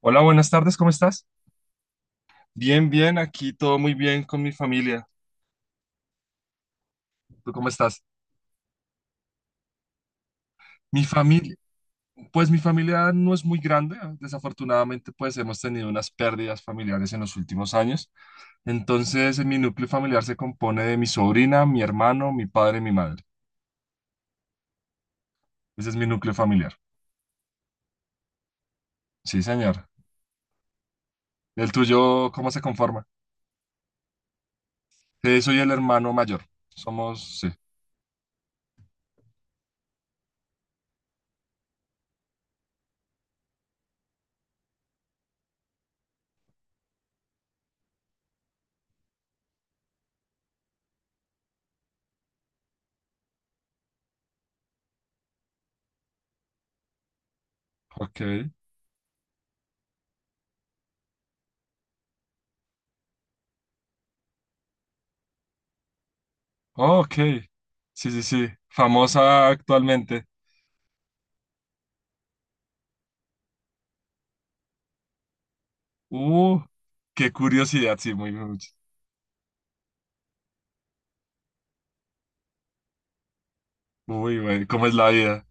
Hola, buenas tardes, ¿cómo estás? Bien, bien, aquí todo muy bien con mi familia. ¿Tú cómo estás? Mi familia, pues mi familia no es muy grande, ¿eh? Desafortunadamente pues hemos tenido unas pérdidas familiares en los últimos años. Entonces, en mi núcleo familiar se compone de mi sobrina, mi hermano, mi padre y mi madre. Ese es mi núcleo familiar. Sí, señor. ¿El tuyo cómo se conforma? Sí, soy el hermano mayor. Somos, sí. Ok. Oh, ok. Sí, sí, sí. Famosa actualmente. Uh, qué curiosidad, sí, muy, muy, muy bueno. ¿Cómo es la vida?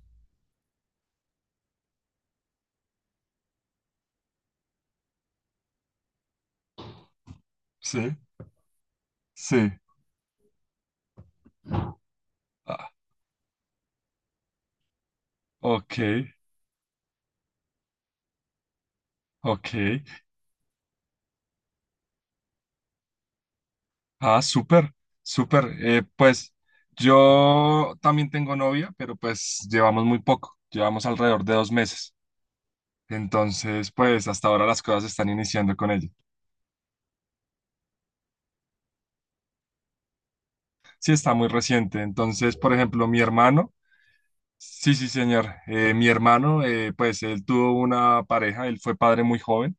Sí, sí. Ah, ok, ok. Ah, súper, súper. Pues yo también tengo novia, pero pues llevamos muy poco. Llevamos alrededor de 2 meses. Entonces, pues hasta ahora las cosas están iniciando con ella. Sí, está muy reciente. Entonces, por ejemplo, mi hermano, sí, sí, señor. Mi hermano, pues él tuvo una pareja, él fue padre muy joven.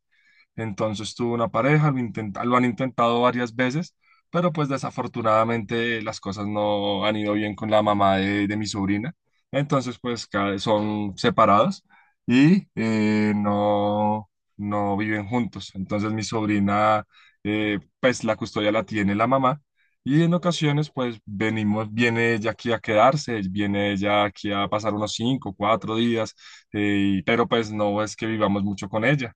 Entonces tuvo una pareja, lo han intentado varias veces, pero pues desafortunadamente las cosas no han ido bien con la mamá de mi sobrina. Entonces pues son separados y no, no viven juntos. Entonces mi sobrina pues la custodia la tiene la mamá y en ocasiones pues viene ella aquí a quedarse, viene ella aquí a pasar unos cinco, 4 días, pero pues no es que vivamos mucho con ella.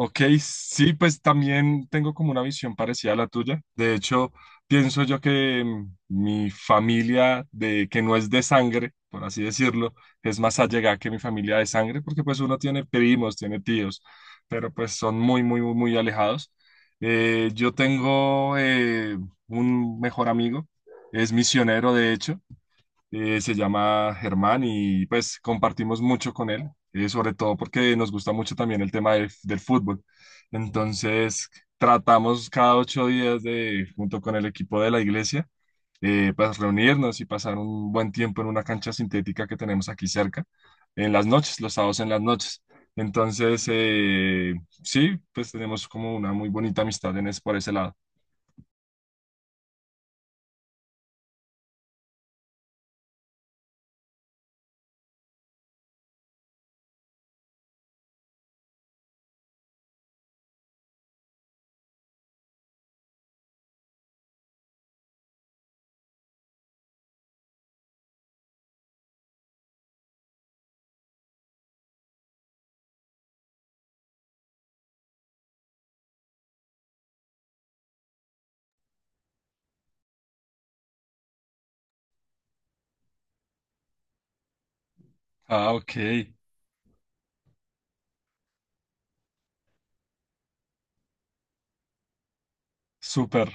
Ok, sí, pues también tengo como una visión parecida a la tuya. De hecho, pienso yo que mi familia de que no es de sangre, por así decirlo, es más allegada que mi familia de sangre, porque pues uno tiene primos, tiene tíos, pero pues son muy, muy, muy, muy alejados. Yo tengo un mejor amigo, es misionero de hecho, se llama Germán y pues compartimos mucho con él, sobre todo porque nos gusta mucho también el tema del fútbol. Entonces, tratamos cada 8 días de, junto con el equipo de la iglesia, pues reunirnos y pasar un buen tiempo en una cancha sintética que tenemos aquí cerca, en las noches, los sábados en las noches. Entonces, sí, pues tenemos como una muy bonita amistad por ese lado. Ah, ok, súper.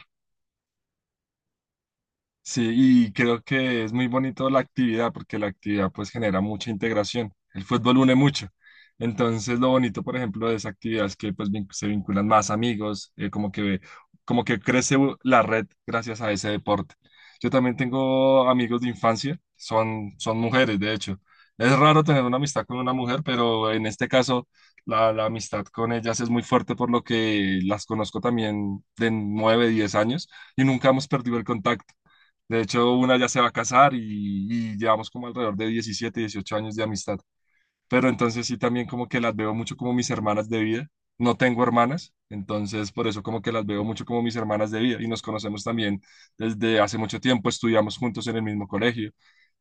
Sí, y creo que es muy bonito la actividad porque la actividad pues genera mucha integración. El fútbol une mucho. Entonces, lo bonito, por ejemplo, de esa actividad es que pues se vinculan más amigos, como que crece la red gracias a ese deporte. Yo también tengo amigos de infancia, son mujeres, de hecho. Es raro tener una amistad con una mujer, pero en este caso la amistad con ellas es muy fuerte por lo que las conozco también de 9 10 años y nunca hemos perdido el contacto. De hecho, una ya se va a casar y llevamos como alrededor de 17 18 años de amistad. Pero entonces sí también como que las veo mucho como mis hermanas de vida. No tengo hermanas, entonces por eso como que las veo mucho como mis hermanas de vida y nos conocemos también desde hace mucho tiempo, estudiamos juntos en el mismo colegio.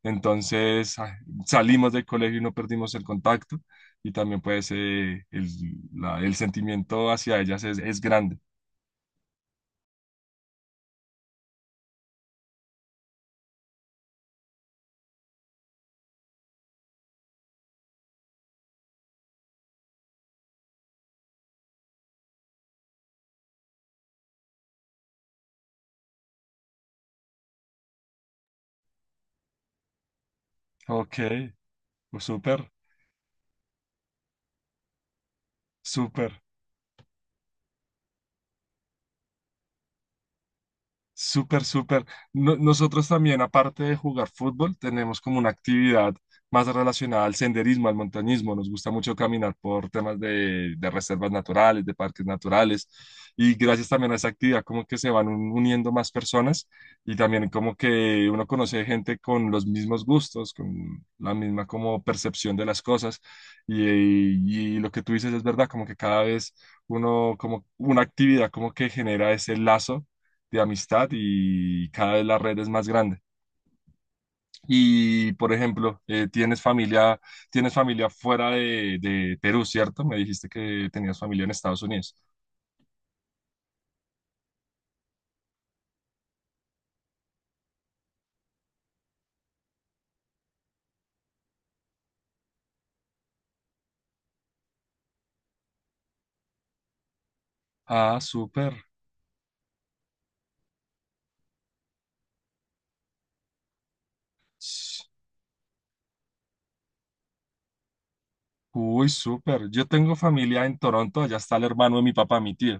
Entonces ah, Salimos del colegio y no perdimos el contacto y también pues el sentimiento hacia ellas es grande. Ok, pues súper, súper. Súper, súper. Nosotros también, aparte de jugar fútbol, tenemos como una actividad más relacionada al senderismo, al montañismo. Nos gusta mucho caminar por temas de, reservas naturales, de parques naturales. Y gracias también a esa actividad, como que se van uniendo más personas y también como que uno conoce gente con los mismos gustos, con la misma como percepción de las cosas. Y lo que tú dices es verdad, como que cada vez uno, como una actividad como que genera ese lazo de amistad y cada vez la red es más grande. Y, por ejemplo, tienes familia, fuera de Perú, ¿cierto? Me dijiste que tenías familia en Estados Unidos. Ah, súper. S- Uy, súper. Yo tengo familia en Toronto, allá está el hermano de mi papá, mi tío,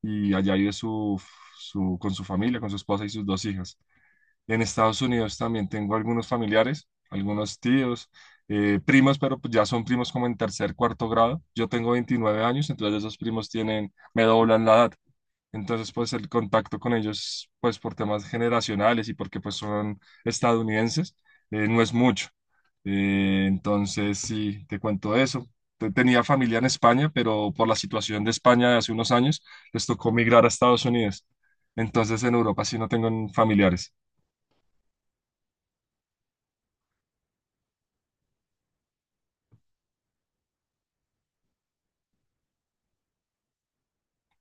y allá vive con su familia, con su esposa y sus dos hijas. En Estados Unidos también tengo algunos familiares, algunos tíos, primos, pero pues ya son primos como en tercer, cuarto grado. Yo tengo 29 años, entonces esos primos tienen, me doblan la edad. Entonces, pues el contacto con ellos, pues por temas generacionales y porque pues son estadounidenses, no es mucho. Entonces, sí, te cuento eso. Tenía familia en España, pero por la situación de España de hace unos años, les tocó migrar a Estados Unidos. Entonces, en Europa sí no tengo familiares.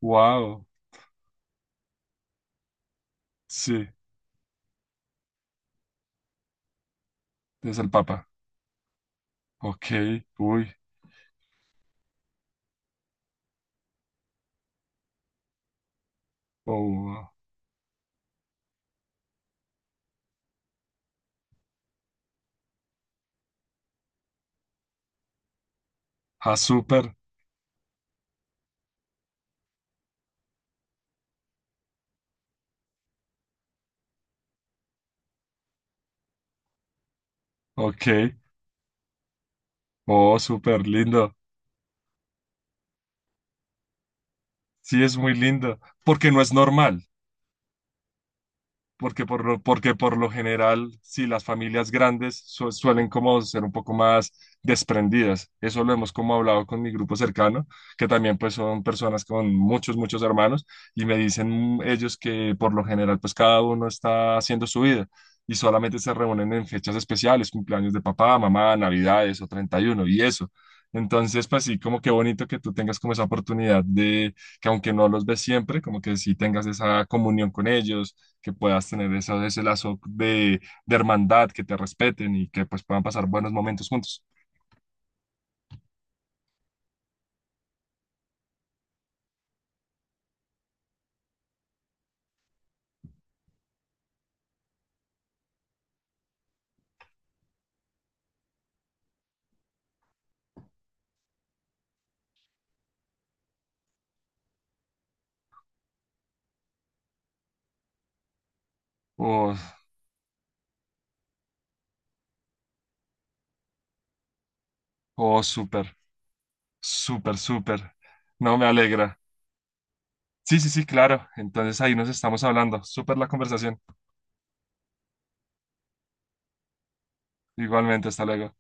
Wow, sí, es el Papa. Ok, uy, oh, ah, súper, ok, oh, súper lindo. Sí, es muy lindo, porque no es normal. Porque por lo general, si las familias grandes suelen como ser un poco más desprendidas. Eso lo hemos como hablado con mi grupo cercano, que también pues son personas con muchos, muchos hermanos, y me dicen ellos que por lo general pues cada uno está haciendo su vida y solamente se reúnen en fechas especiales, cumpleaños de papá, mamá, navidades o 31 y uno y eso. Entonces, pues sí, como qué bonito que tú tengas como esa oportunidad de que aunque no los ves siempre, como que sí tengas esa comunión con ellos, que puedas tener eso, ese lazo de, hermandad, que te respeten y que pues puedan pasar buenos momentos juntos. Oh, oh, súper, súper, súper. No me alegra. Sí, sí, sí, claro. Entonces ahí nos estamos hablando. Súper la conversación. Igualmente, hasta luego.